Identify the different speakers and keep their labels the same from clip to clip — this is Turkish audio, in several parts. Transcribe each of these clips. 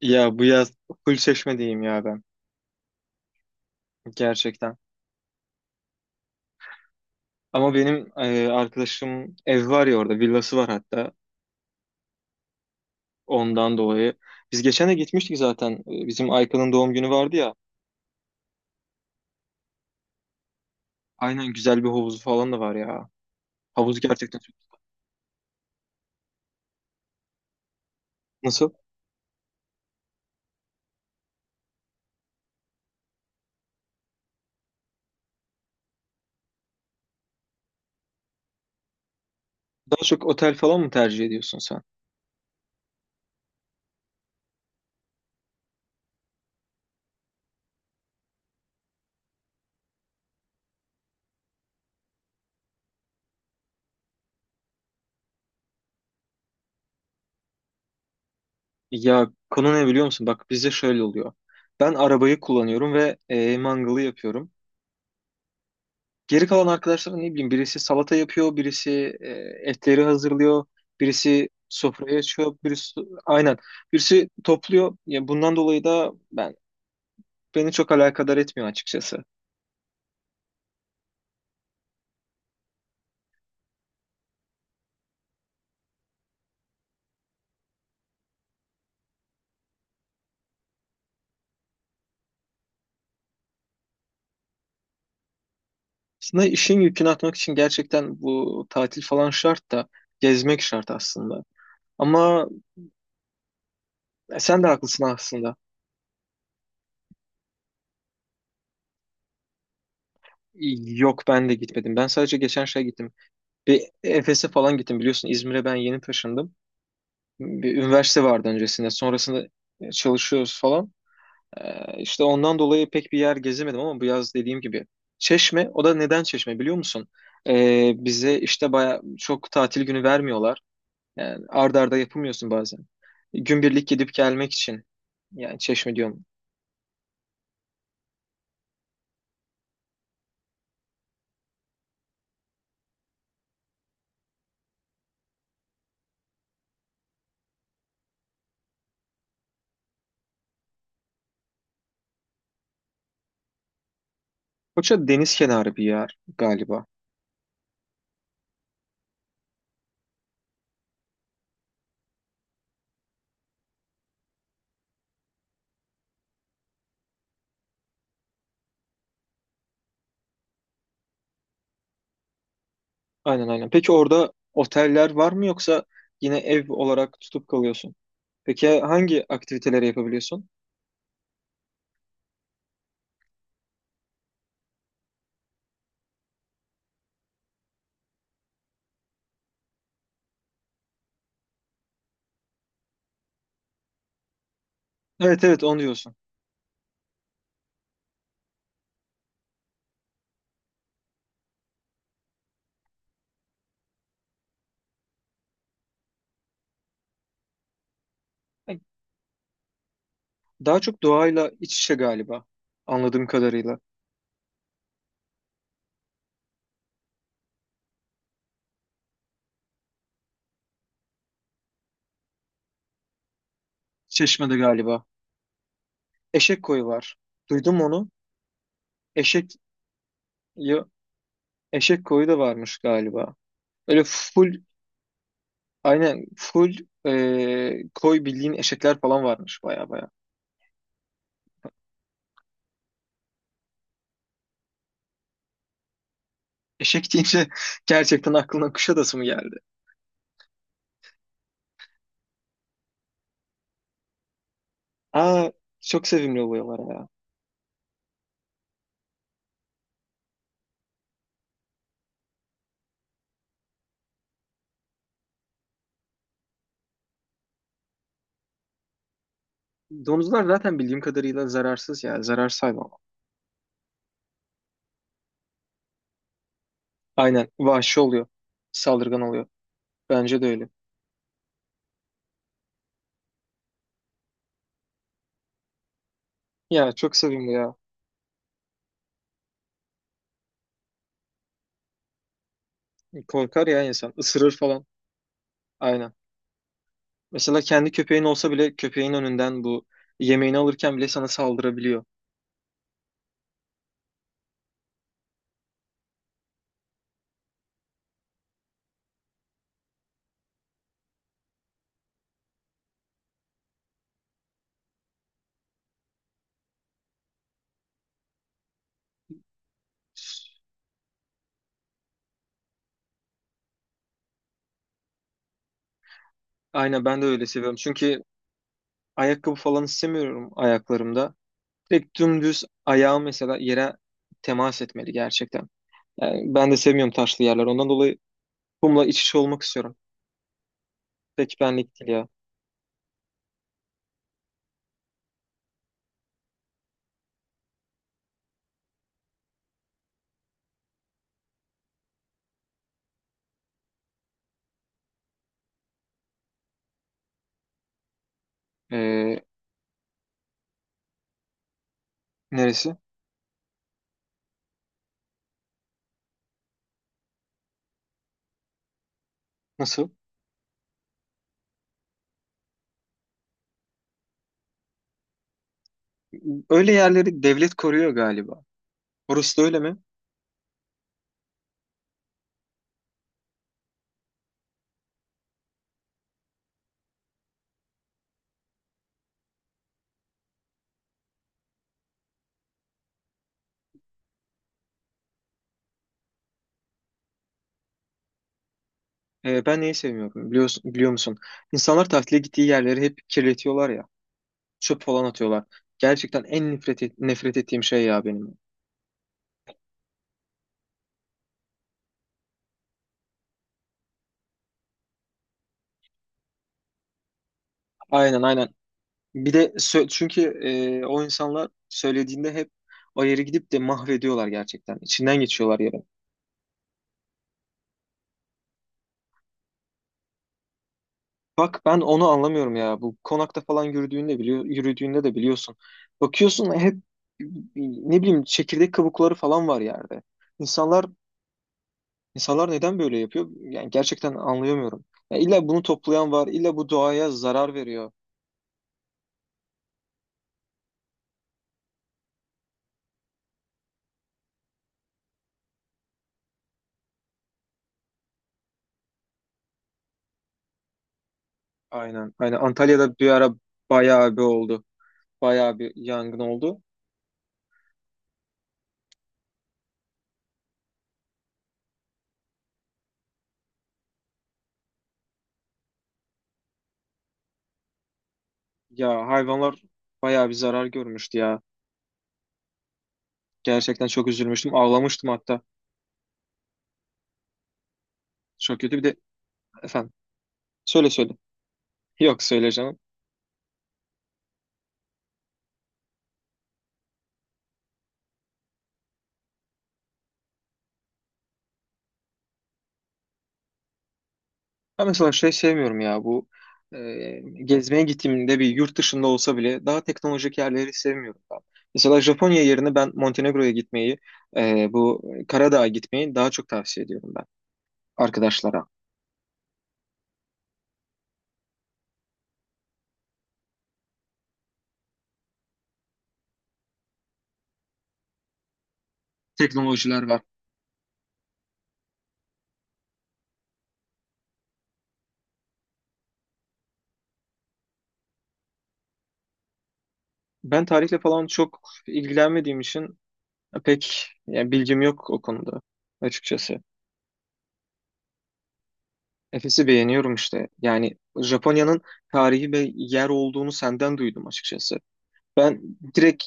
Speaker 1: Ya bu yaz full Çeşme diyeyim ya ben gerçekten. Ama benim arkadaşım ev var ya, orada villası var hatta ondan dolayı. Biz geçen de gitmiştik zaten. Bizim Aykan'ın doğum günü vardı ya. Aynen, güzel bir havuzu falan da var ya. Havuz gerçekten çok. Nasıl? Daha çok otel falan mı tercih ediyorsun sen? Ya konu ne biliyor musun? Bak bizde şöyle oluyor. Ben arabayı kullanıyorum ve mangalı yapıyorum. Geri kalan arkadaşlar ne bileyim, birisi salata yapıyor, birisi e, etleri hazırlıyor, birisi sofrayı açıyor, birisi aynen, birisi topluyor. Ya bundan dolayı da beni çok alakadar etmiyor açıkçası. Aslında işin yükünü atmak için gerçekten bu tatil falan şart da, gezmek şart aslında. Ama sen de haklısın aslında. Yok, ben de gitmedim. Ben sadece geçen şey gittim. Bir Efes'e falan gittim, biliyorsun İzmir'e ben yeni taşındım. Bir üniversite vardı öncesinde. Sonrasında çalışıyoruz falan. İşte ondan dolayı pek bir yer gezemedim ama bu yaz dediğim gibi. Çeşme, o da neden Çeşme biliyor musun? Bize işte baya çok tatil günü vermiyorlar. Yani ard arda yapamıyorsun bazen. Günbirlik gidip gelmek için. Yani Çeşme diyorum. Foça deniz kenarı bir yer galiba. Aynen, aynen. Peki orada oteller var mı, yoksa yine ev olarak tutup kalıyorsun? Peki hangi aktiviteleri yapabiliyorsun? Evet, evet, onu diyorsun. Daha çok doğayla iç içe galiba, anladığım kadarıyla. Çeşme'de galiba. Eşek koyu var. Duydum onu. Eşek ya- eşek koyu da varmış galiba. Öyle full, aynen full, koy bildiğin, eşekler falan varmış baya baya. Eşek deyince gerçekten aklına Kuşadası mı geldi? Aa, çok sevimli oluyorlar ya. Domuzlar zaten bildiğim kadarıyla zararsız ya. Zararsız hayvan. Aynen, vahşi oluyor. Saldırgan oluyor. Bence de öyle. Ya çok sevimli ya. Korkar ya insan. Isırır falan. Aynen. Mesela kendi köpeğin olsa bile, köpeğin önünden bu yemeğini alırken bile sana saldırabiliyor. Aynen, ben de öyle seviyorum. Çünkü ayakkabı falan istemiyorum ayaklarımda. Direkt dümdüz ayağım mesela yere temas etmeli gerçekten. Yani ben de sevmiyorum taşlı yerler. Ondan dolayı kumla iç içe olmak istiyorum. Pek benlik değil ya. Ee, Neresi? Nasıl? Öyle yerleri devlet koruyor galiba. Orası da öyle mi? Ben neyi sevmiyorum biliyorsun, biliyor musun? İnsanlar tatile gittiği yerleri hep kirletiyorlar ya. Çöp falan atıyorlar. Gerçekten en nefret, nefret ettiğim şey ya benim. Aynen, aynen. Bir de çünkü o insanlar söylediğinde hep o yeri gidip de mahvediyorlar gerçekten. İçinden geçiyorlar yere. Bak ben onu anlamıyorum ya. Bu konakta falan yürüdüğünde biliyor, yürüdüğünde de biliyorsun. Bakıyorsun hep ne bileyim çekirdek kabukları falan var yerde. İnsanlar insanlar neden böyle yapıyor? Yani gerçekten anlayamıyorum. Ya illa bunu toplayan var, illa bu doğaya zarar veriyor. Aynen. Aynen. Antalya'da bir ara bayağı bir oldu. Bayağı bir yangın oldu. Ya hayvanlar bayağı bir zarar görmüştü ya. Gerçekten çok üzülmüştüm. Ağlamıştım hatta. Çok kötü. Bir de efendim. Söyle söyle. Yok, söyle canım. Ben mesela şey sevmiyorum ya, bu e, gezmeye gittiğimde bir yurt dışında olsa bile daha teknolojik yerleri sevmiyorum ben. Mesela Japonya yerine ben Montenegro'ya gitmeyi, e, bu Karadağ'a gitmeyi daha çok tavsiye ediyorum ben arkadaşlara. Teknolojiler var. Ben tarihle falan çok ilgilenmediğim için pek yani bilgim yok o konuda açıkçası. Efes'i beğeniyorum işte. Yani Japonya'nın tarihi ve yer olduğunu senden duydum açıkçası. Ben direkt,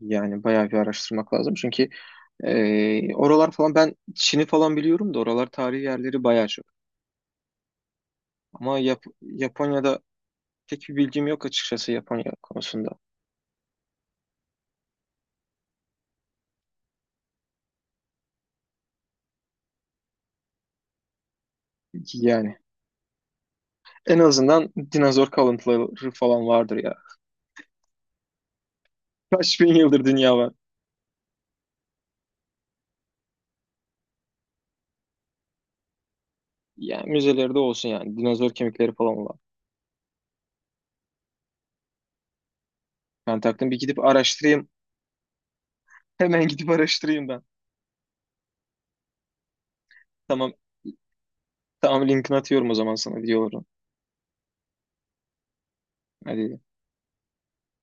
Speaker 1: yani bayağı bir araştırmak lazım. Çünkü oralar falan, ben Çin'i falan biliyorum da, oralar tarihi yerleri bayağı çok. Ama Japonya'da pek bir bilgim yok açıkçası, Japonya konusunda. Yani en azından dinozor kalıntıları falan vardır ya. Kaç bin yıldır dünya var. Yani müzelerde olsun yani. Dinozor kemikleri falan var. Ben taktım, bir gidip araştırayım. Hemen gidip araştırayım ben. Tamam. Tamam, linkini atıyorum o zaman sana videoları. Hadi